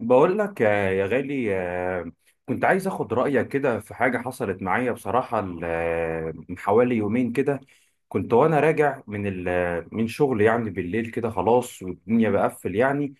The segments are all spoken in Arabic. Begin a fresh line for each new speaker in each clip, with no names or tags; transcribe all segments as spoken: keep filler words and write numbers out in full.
بقول لك، آه، يا غالي. آه، كنت عايز اخد رأيك كده في حاجة حصلت معايا بصراحة، ال- آه، من حوالي يومين كده. كنت وانا راجع من ال- آه، من شغل، يعني بالليل كده خلاص والدنيا بقفل يعني.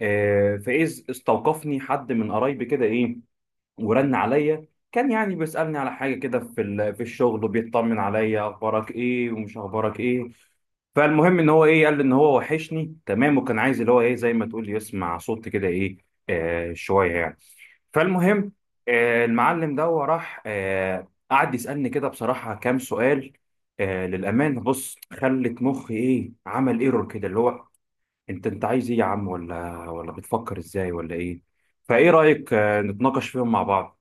آه، فإذ استوقفني حد من قرايبي كده، ايه، ورن عليا. كان يعني بيسألني على حاجة كده في ال- في الشغل، وبيطمن عليا اخبارك ايه ومش اخبارك ايه. فالمهم ان هو ايه، قال لي ان هو وحشني، تمام، وكان عايز اللي هو ايه، زي ما تقول يسمع صوت كده، ايه آه شويه يعني. فالمهم، آه المعلم ده راح آه قعد يسالني كده بصراحه كام سؤال. آه للامانه بص، خلت مخي ايه، عمل ايرور كده، اللي هو: انت انت عايز ايه يا عم، ولا ولا بتفكر ازاي، ولا ايه؟ فايه رايك آه نتناقش فيهم مع بعض.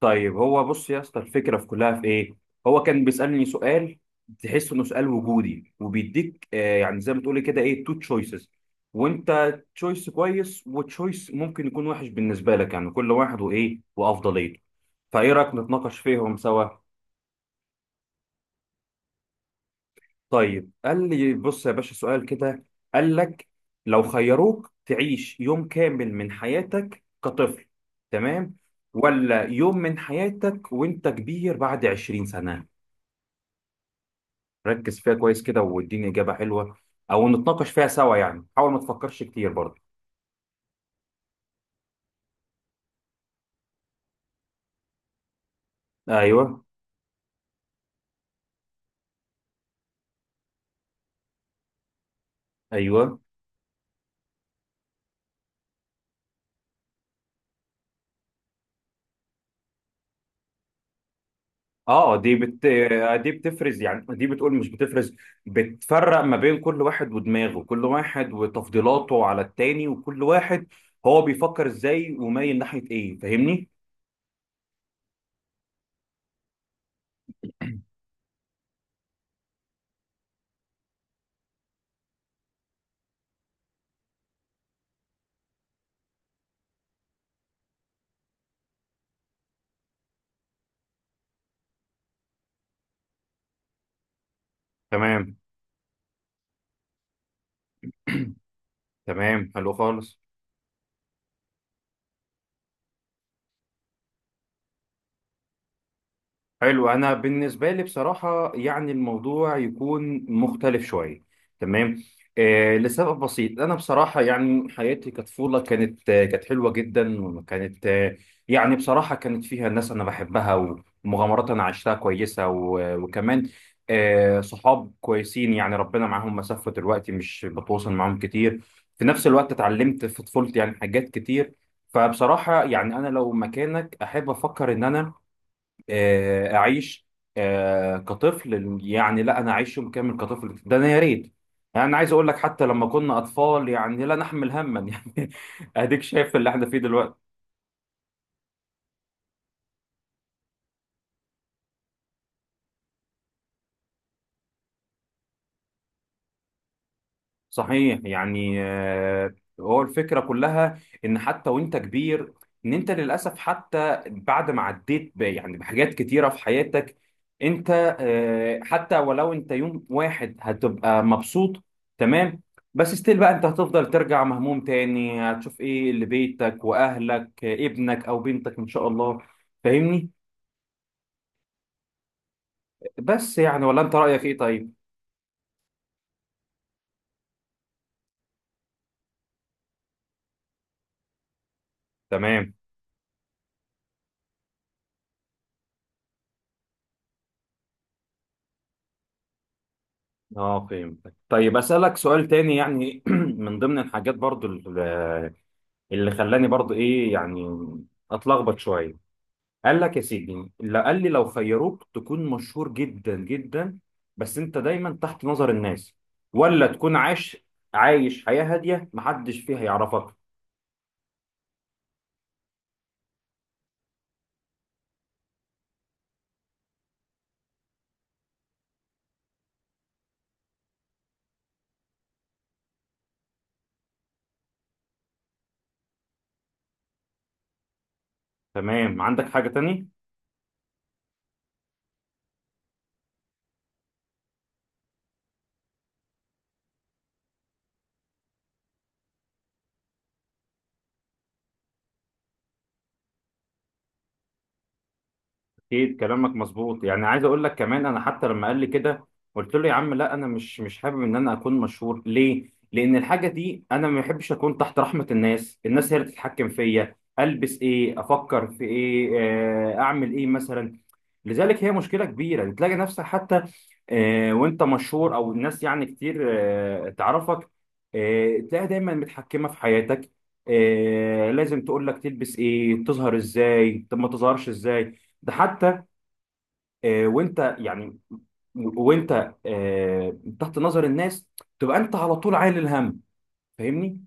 طيب هو بص يا اسطى، الفكره في كلها في ايه. هو كان بيسالني سؤال، تحس انه سؤال وجودي وبيديك، آه يعني زي ما تقولي كده ايه، تو تشويسز. وانت تشويس كويس وتشويس ممكن يكون وحش بالنسبه لك، يعني كل واحد وايه وافضليته. فايه رايك نتناقش فيهم سوا. طيب قال لي: بص يا باشا، سؤال كده. قال لك: لو خيروك تعيش يوم كامل من حياتك كطفل، تمام، ولا يوم من حياتك وانت كبير بعد عشرين سنه؟ ركز فيها كويس كده واديني إجابة حلوة، أو نتناقش فيها سوا، يعني حاول ما تفكرش كتير برضه. أيوه. أيوه. أه، دي بت... دي بتفرز، يعني دي بتقول، مش بتفرز، بتفرق ما بين كل واحد ودماغه، كل واحد وتفضيلاته على التاني، وكل واحد هو بيفكر إزاي ومايل ناحية إيه، فاهمني؟ تمام. تمام، حلو خالص. حلو، انا بالنسبه لي بصراحه يعني الموضوع يكون مختلف شويه، تمام. آه لسبب بسيط، انا بصراحه يعني حياتي كطفوله كانت، آه كانت حلوه جدا، وكانت، آه يعني بصراحه كانت فيها ناس انا بحبها، ومغامرات انا عشتها كويسه، و- وكمان آه صحاب كويسين، يعني ربنا معاهم مسافه دلوقتي، مش بتواصل معاهم كتير. في نفس الوقت اتعلمت في طفولتي يعني حاجات كتير. فبصراحه يعني انا لو مكانك، احب افكر ان انا آه، اعيش آه، كطفل، يعني لا، انا اعيش يوم كامل كطفل، ده انا يا ريت. يعني انا عايز اقول لك، حتى لما كنا اطفال يعني لا نحمل هما يعني اديك شايف اللي احنا فيه دلوقتي. صحيح، يعني آه، هو الفكرة كلها، إن حتى وأنت كبير، إن أنت للأسف حتى بعد ما عديت ب- يعني بحاجات كتيرة في حياتك، أنت، آه، حتى ولو أنت يوم واحد هتبقى مبسوط، تمام، بس ستيل بقى أنت هتفضل ترجع مهموم تاني، هتشوف إيه لبيتك وأهلك، آه، ابنك أو بنتك إن شاء الله، فاهمني؟ بس يعني، ولا أنت رأيك إيه طيب؟ تمام. اه فهمتك. طيب اسالك سؤال تاني يعني من ضمن الحاجات برضو ال- اللي خلاني برضو ايه، يعني اتلخبط شويه. قال لك يا سيدي، لا قال لي: لو خيروك تكون مشهور جدا جدا، بس انت دايما تحت نظر الناس، ولا تكون عايش عايش حياه هاديه محدش فيها يعرفك. تمام. عندك حاجه تاني. اكيد كلامك مظبوط، يعني عايز اقول لك كمان، انا حتى لما قال لي كده قلت له: يا عم لا، انا مش مش حابب ان انا اكون مشهور. ليه؟ لان الحاجه دي انا ما بحبش اكون تحت رحمه الناس، الناس هي اللي تتحكم فيا البس ايه، افكر في ايه، آه، اعمل ايه مثلا. لذلك هي مشكله كبيره، يعني تلاقي نفسك حتى، آه، وانت مشهور او الناس يعني كتير آه، تعرفك، آه، تلاقيها دايما متحكمه في حياتك، آه، لازم تقول لك تلبس ايه، تظهر ازاي، طب ما تظهرش ازاي. ده حتى آه، وانت يعني، وانت آه، تحت نظر الناس، تبقى انت على طول عايل الهم، فاهمني؟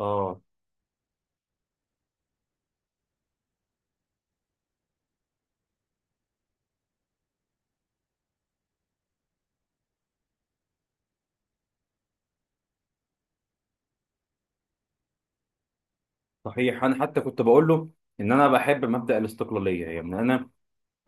اه صحيح، انا حتى كنت بقول له ان انا بحب مبدأ الاستقلاليه، يعني انا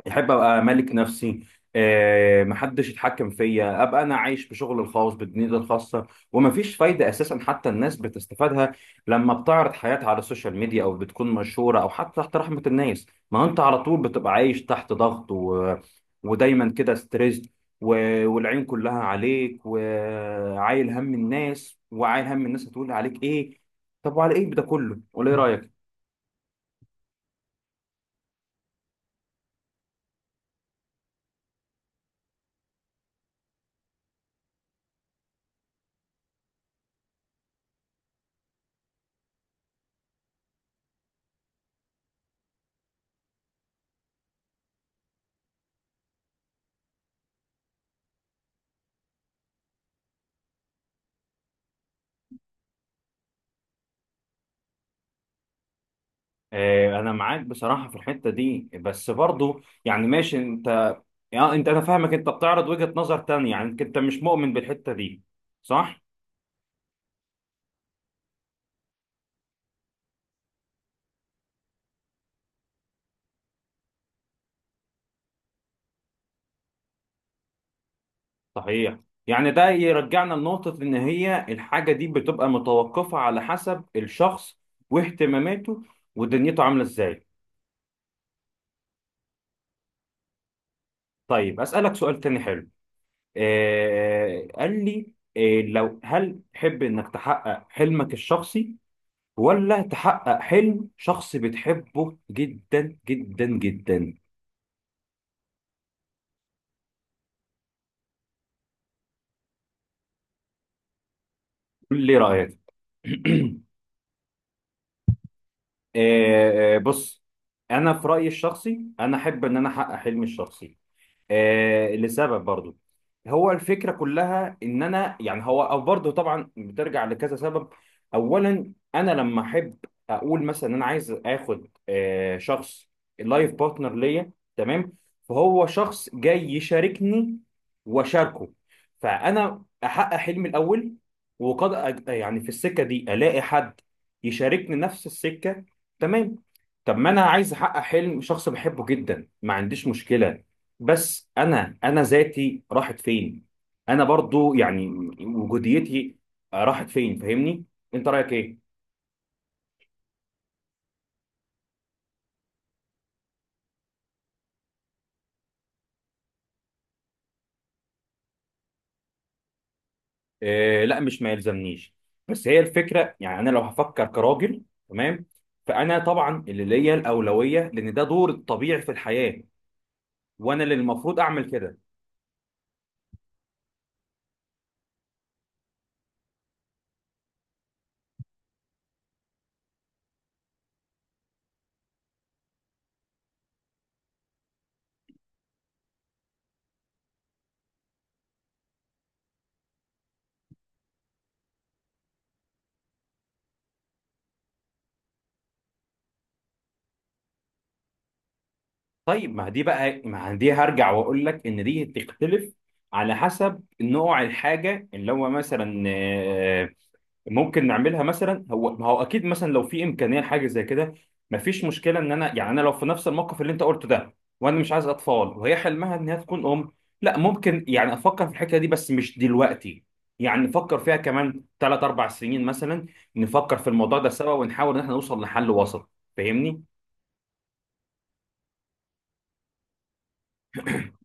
احب ابقى مالك نفسي، آه، محدش يتحكم فيا، ابقى انا عايش بشغل الخاص بدنيتي الخاصه. ومفيش فايده اساسا، حتى الناس بتستفادها لما بتعرض حياتها على السوشيال ميديا، او بتكون مشهوره، او حتى تحت رحمه الناس. ما انت على طول بتبقى عايش تحت ضغط، و... ودايما كده ستريس، و... والعين كلها عليك، وعايل هم الناس، وعايل هم الناس هتقول عليك ايه. طب وعلى ايه ده كله، ولا ايه رايك؟ آه، انا معاك بصراحه في الحته دي، بس برضو يعني ماشي انت. يعني انت، انا فاهمك، انت بتعرض وجهه نظر تانية، يعني انت مش مؤمن بالحته دي، صح؟ صحيح، يعني ده يرجعنا لنقطه ان هي الحاجه دي بتبقى متوقفه على حسب الشخص واهتماماته ودنيته عامله ازاي. طيب اسالك سؤال تاني حلو. آه قال لي: آه لو، هل تحب انك تحقق حلمك الشخصي، ولا تحقق حلم شخص بتحبه جدا جدا جدا؟ قول لي رأيك. آه، آه، بص، انا في رأيي الشخصي انا احب ان انا احقق حلمي الشخصي، آه لسبب برضو. هو الفكرة كلها ان انا، يعني هو او برضو طبعا بترجع لكذا سبب. اولا انا لما احب، اقول مثلا انا عايز اخد آه شخص، اللايف بارتنر ليا، تمام. فهو شخص جاي يشاركني واشاركه، فانا احقق حلمي الاول، وقد أج- يعني في السكة دي الاقي حد يشاركني نفس السكة، تمام. طب ما انا عايز احقق حلم شخص بحبه جدا، ما عنديش مشكلة، بس انا انا ذاتي راحت فين؟ انا برضو يعني وجوديتي راحت فين، فاهمني؟ انت رايك ايه؟ آه لا مش ما يلزمنيش. بس هي الفكره، يعني انا لو هفكر كراجل، تمام، فانا طبعا اللي ليا الاولويه، لان ده دور الطبيعي في الحياه، وانا اللي المفروض اعمل كده. طيب، ما دي بقى ما دي هرجع واقول لك ان دي تختلف على حسب نوع الحاجه، اللي هو مثلا آه، ممكن نعملها مثلا. هو، ما هو اكيد مثلا لو في امكانيه لحاجه زي كده، مفيش مشكله ان انا، يعني انا لو في نفس الموقف اللي انت قلته ده، وانا مش عايز اطفال وهي حلمها ان هي تكون ام، لا ممكن يعني افكر في الحكايه دي، بس مش دلوقتي، يعني نفكر فيها كمان ثلاث اربع سنين مثلا، نفكر في الموضوع ده سوا ونحاول ان احنا نوصل لحل وسط، فاهمني؟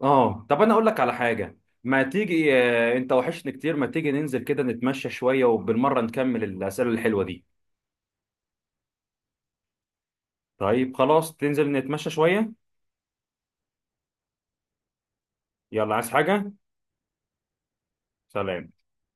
اه طب، انا اقول لك على حاجه. ما تيجي، آه، انت وحشني كتير، ما تيجي ننزل كده نتمشى شويه وبالمره نكمل الاسئله الحلوه دي؟ طيب خلاص، تنزل نتمشى شويه. يلا، عايز حاجة؟ سلام.